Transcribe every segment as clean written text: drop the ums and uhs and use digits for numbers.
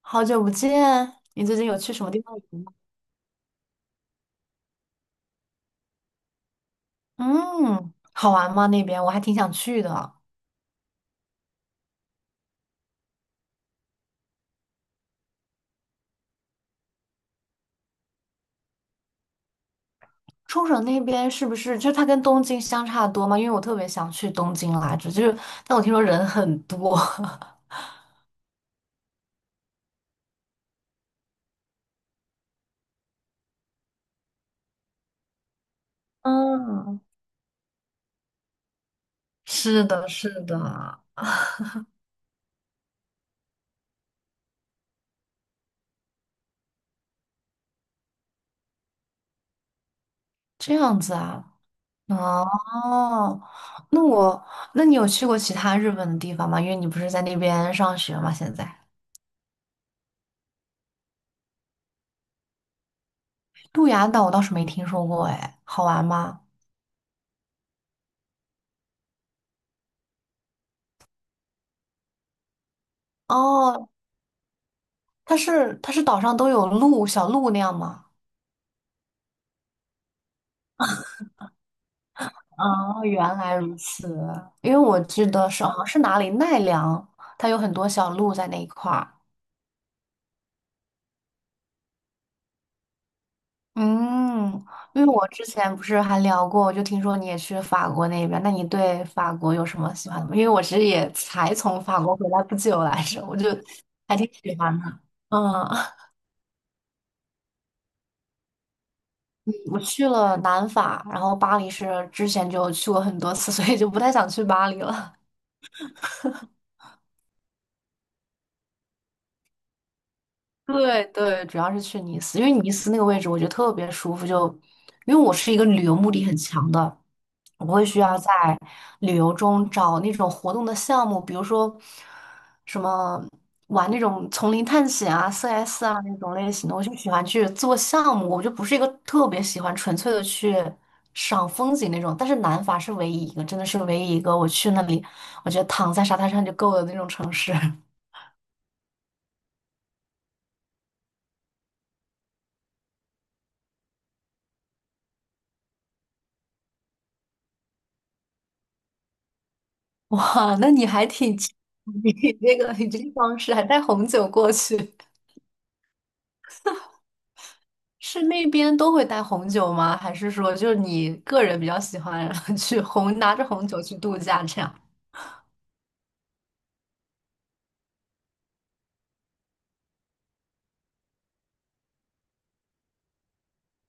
好久不见，你最近有去什么地方玩吗？嗯，好玩吗？那边我还挺想去的。冲绳那边是不是就它跟东京相差多吗？因为我特别想去东京来着，但我听说人很多。嗯，是的，这样子啊。哦，那我，那你有去过其他日本的地方吗？因为你不是在那边上学吗？现在鹿牙岛我倒是没听说过，哎，好玩吗？哦，它是岛上都有鹿，小鹿那样吗？啊，原来如此。因为我记得是好像是哪里奈良，它有很多小鹿在那一块儿。嗯，因为我之前不是还聊过，我就听说你也去法国那边，那你对法国有什么喜欢的吗？因为我其实也才从法国回来不久来着，我就还挺喜欢的。嗯，我去了南法，然后巴黎是之前就去过很多次，所以就不太想去巴黎了。对，主要是去尼斯，因为尼斯那个位置我觉得特别舒服，就因为我是一个旅游目的很强的，我会需要在旅游中找那种活动的项目，比如说什么玩那种丛林探险啊、CS 啊那种类型的，我就喜欢去做项目，我就不是一个特别喜欢纯粹的去赏风景那种。但是南法是唯一一个，真的是唯一一个我去那里，我觉得躺在沙滩上就够了那种城市。哇，那你还挺奇，你那个你这个方式还带红酒过去，是那边都会带红酒吗？还是说就是你个人比较喜欢 去红，拿着红酒去度假这样？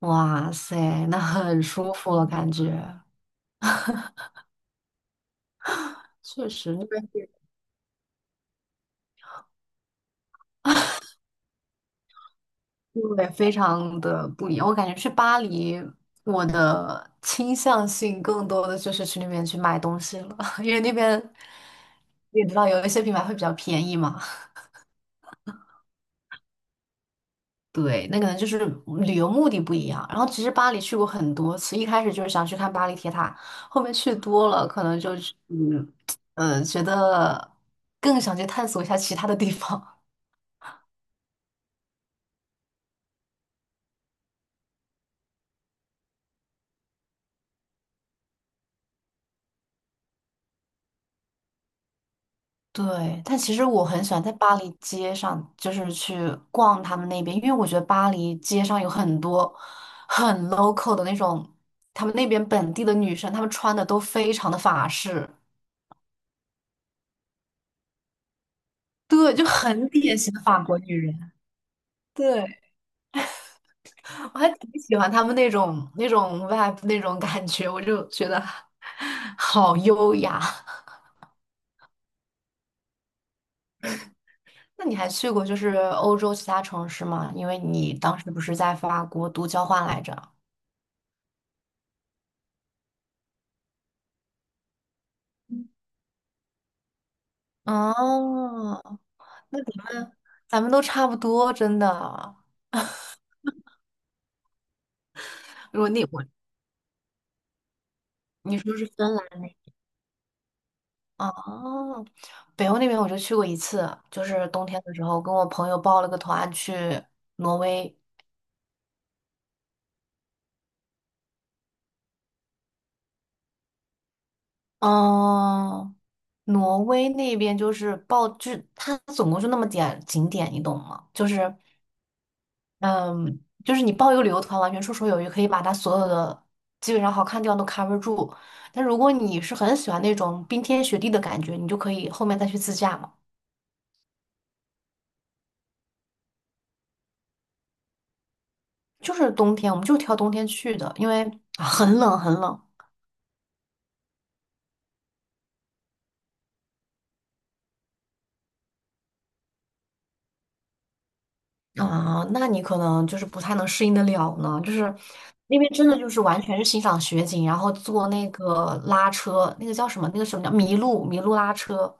哇塞，那很舒服了，感觉确实那边是对，非常的不一样。我感觉去巴黎，我的倾向性更多的就是去那边去买东西了，因为那边你也知道有一些品牌会比较便宜嘛。对，那可能就是旅游目的不一样。然后其实巴黎去过很多次，一开始就是想去看巴黎铁塔，后面去多了，可能就是觉得更想去探索一下其他的地方。对，但其实我很喜欢在巴黎街上，就是去逛他们那边，因为我觉得巴黎街上有很多很 local 的那种，他们那边本地的女生，她们穿的都非常的法式，对，就很典型的法国女人。对。我还挺喜欢他们那种 vibe 那种感觉，我就觉得 好优雅。那你还去过就是欧洲其他城市吗？因为你当时不是在法国读交换来着？哦，那咱们都差不多，真的。如果你我你说是芬兰那哦，北欧那边我就去过一次，就是冬天的时候跟我朋友报了个团去挪威。嗯，挪威那边就是报，就是它总共就那么点景点，你懂吗？就是，嗯，就是你报一个旅游团，完全绰绰有余，可以把它所有的基本上好看的地方都 cover 住。但如果你是很喜欢那种冰天雪地的感觉，你就可以后面再去自驾嘛。就是冬天，我们就挑冬天去的，因为啊很冷很冷。啊，那你可能就是不太能适应得了呢，就是那边真的就是完全是欣赏雪景，然后坐那个拉车，那个叫什么？那个什么叫麋鹿？麋鹿拉车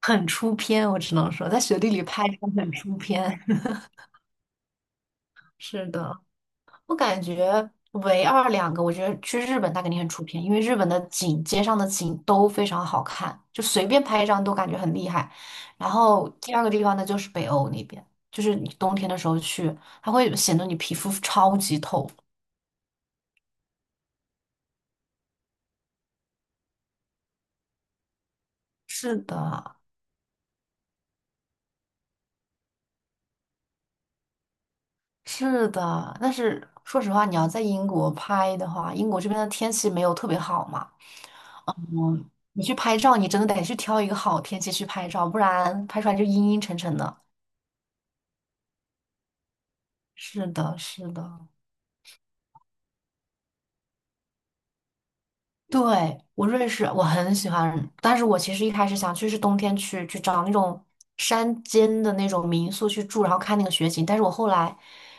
很出片，我只能说在雪地里拍真的很出片。是的，我感觉唯二两个，我觉得去日本它肯定很出片，因为日本的景，街上的景都非常好看，就随便拍一张都感觉很厉害。然后第二个地方呢，就是北欧那边，就是你冬天的时候去，它会显得你皮肤超级透。是的，是的，但是说实话，你要在英国拍的话，英国这边的天气没有特别好嘛，你去拍照，你真的得去挑一个好天气去拍照，不然拍出来就阴阴沉沉的。是的。对，我瑞士，我很喜欢，但是我其实一开始想去是冬天去找那种山间的那种民宿去住，然后看那个雪景。但是我后来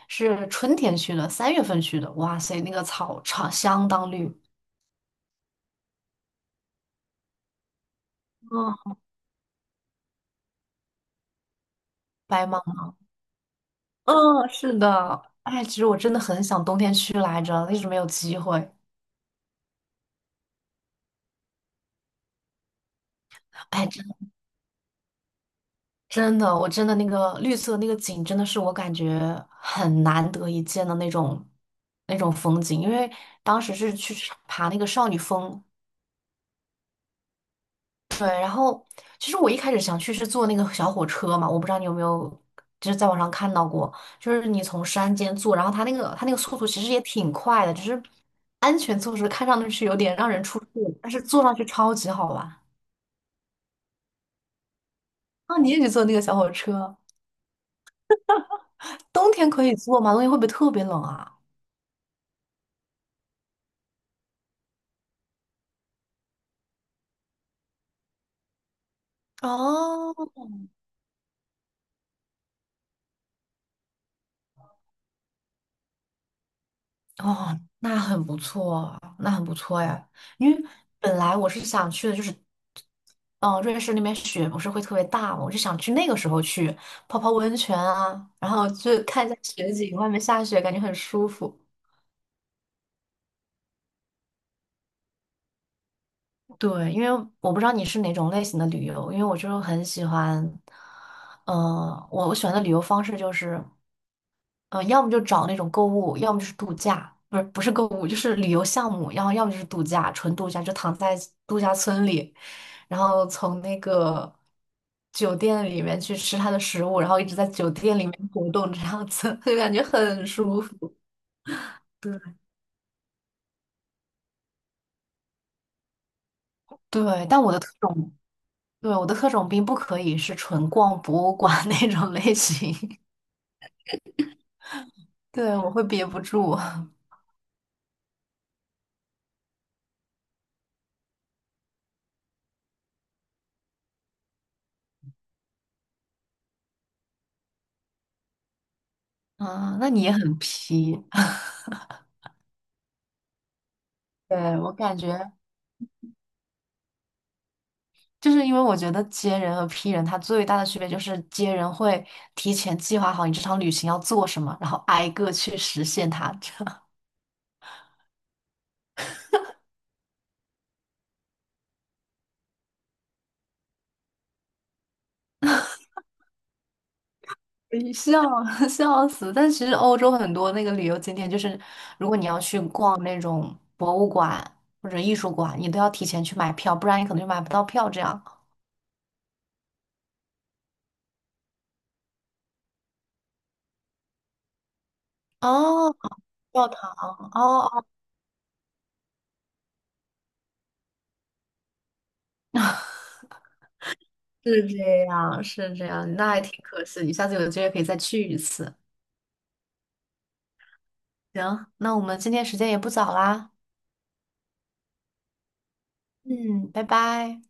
是春天去的，三月份去的，哇塞，那个草场相当绿，嗯白茫。茫，嗯，是的，哎，其实我真的很想冬天去来着，一直没有机会。哎。真的，我真的那个绿色那个景，真的是我感觉很难得一见的那种风景。因为当时是去爬那个少女峰，对。然后其实我一开始想去是坐那个小火车嘛，我不知道你有没有就是在网上看到过，就是你从山间坐，然后它那个速度其实也挺快的，只是安全措施看上去是有点让人出戏，但是坐上去超级好玩。啊，你也去坐那个小火车？冬天可以坐吗？冬天会不会特别冷啊？哦，哦，那很不错，那很不错呀。因为本来我是想去的，就是，嗯、瑞士那边雪不是会特别大嘛，我就想去那个时候去泡泡温泉啊，然后就看一下雪景，外面下雪，感觉很舒服。对，因为我不知道你是哪种类型的旅游，因为我就很喜欢，我喜欢的旅游方式就是。要么就找那种购物，要么就是度假，不是购物，就是旅游项目，然后要么就是度假，纯度假，就躺在度假村里，然后从那个酒店里面去吃它的食物，然后一直在酒店里面活动，这样子 就感觉很舒服。对对，但我的特种，对我的特种兵不可以是纯逛博物馆 那种类型，对我会憋不住。啊，那你也很皮。对，我感觉。就是因为我觉得接人和批人，它最大的区别就是接人会提前计划好你这场旅行要做什么，然后挨个去实现它，这样 笑 笑死。但其实欧洲很多那个旅游景点，就是如果你要去逛那种博物馆或者艺术馆，你都要提前去买票，不然你可能就买不到票。这样哦，教堂哦，是这样，那还挺可惜。你下次有机会可以再去一次。行，那我们今天时间也不早啦。嗯，拜拜。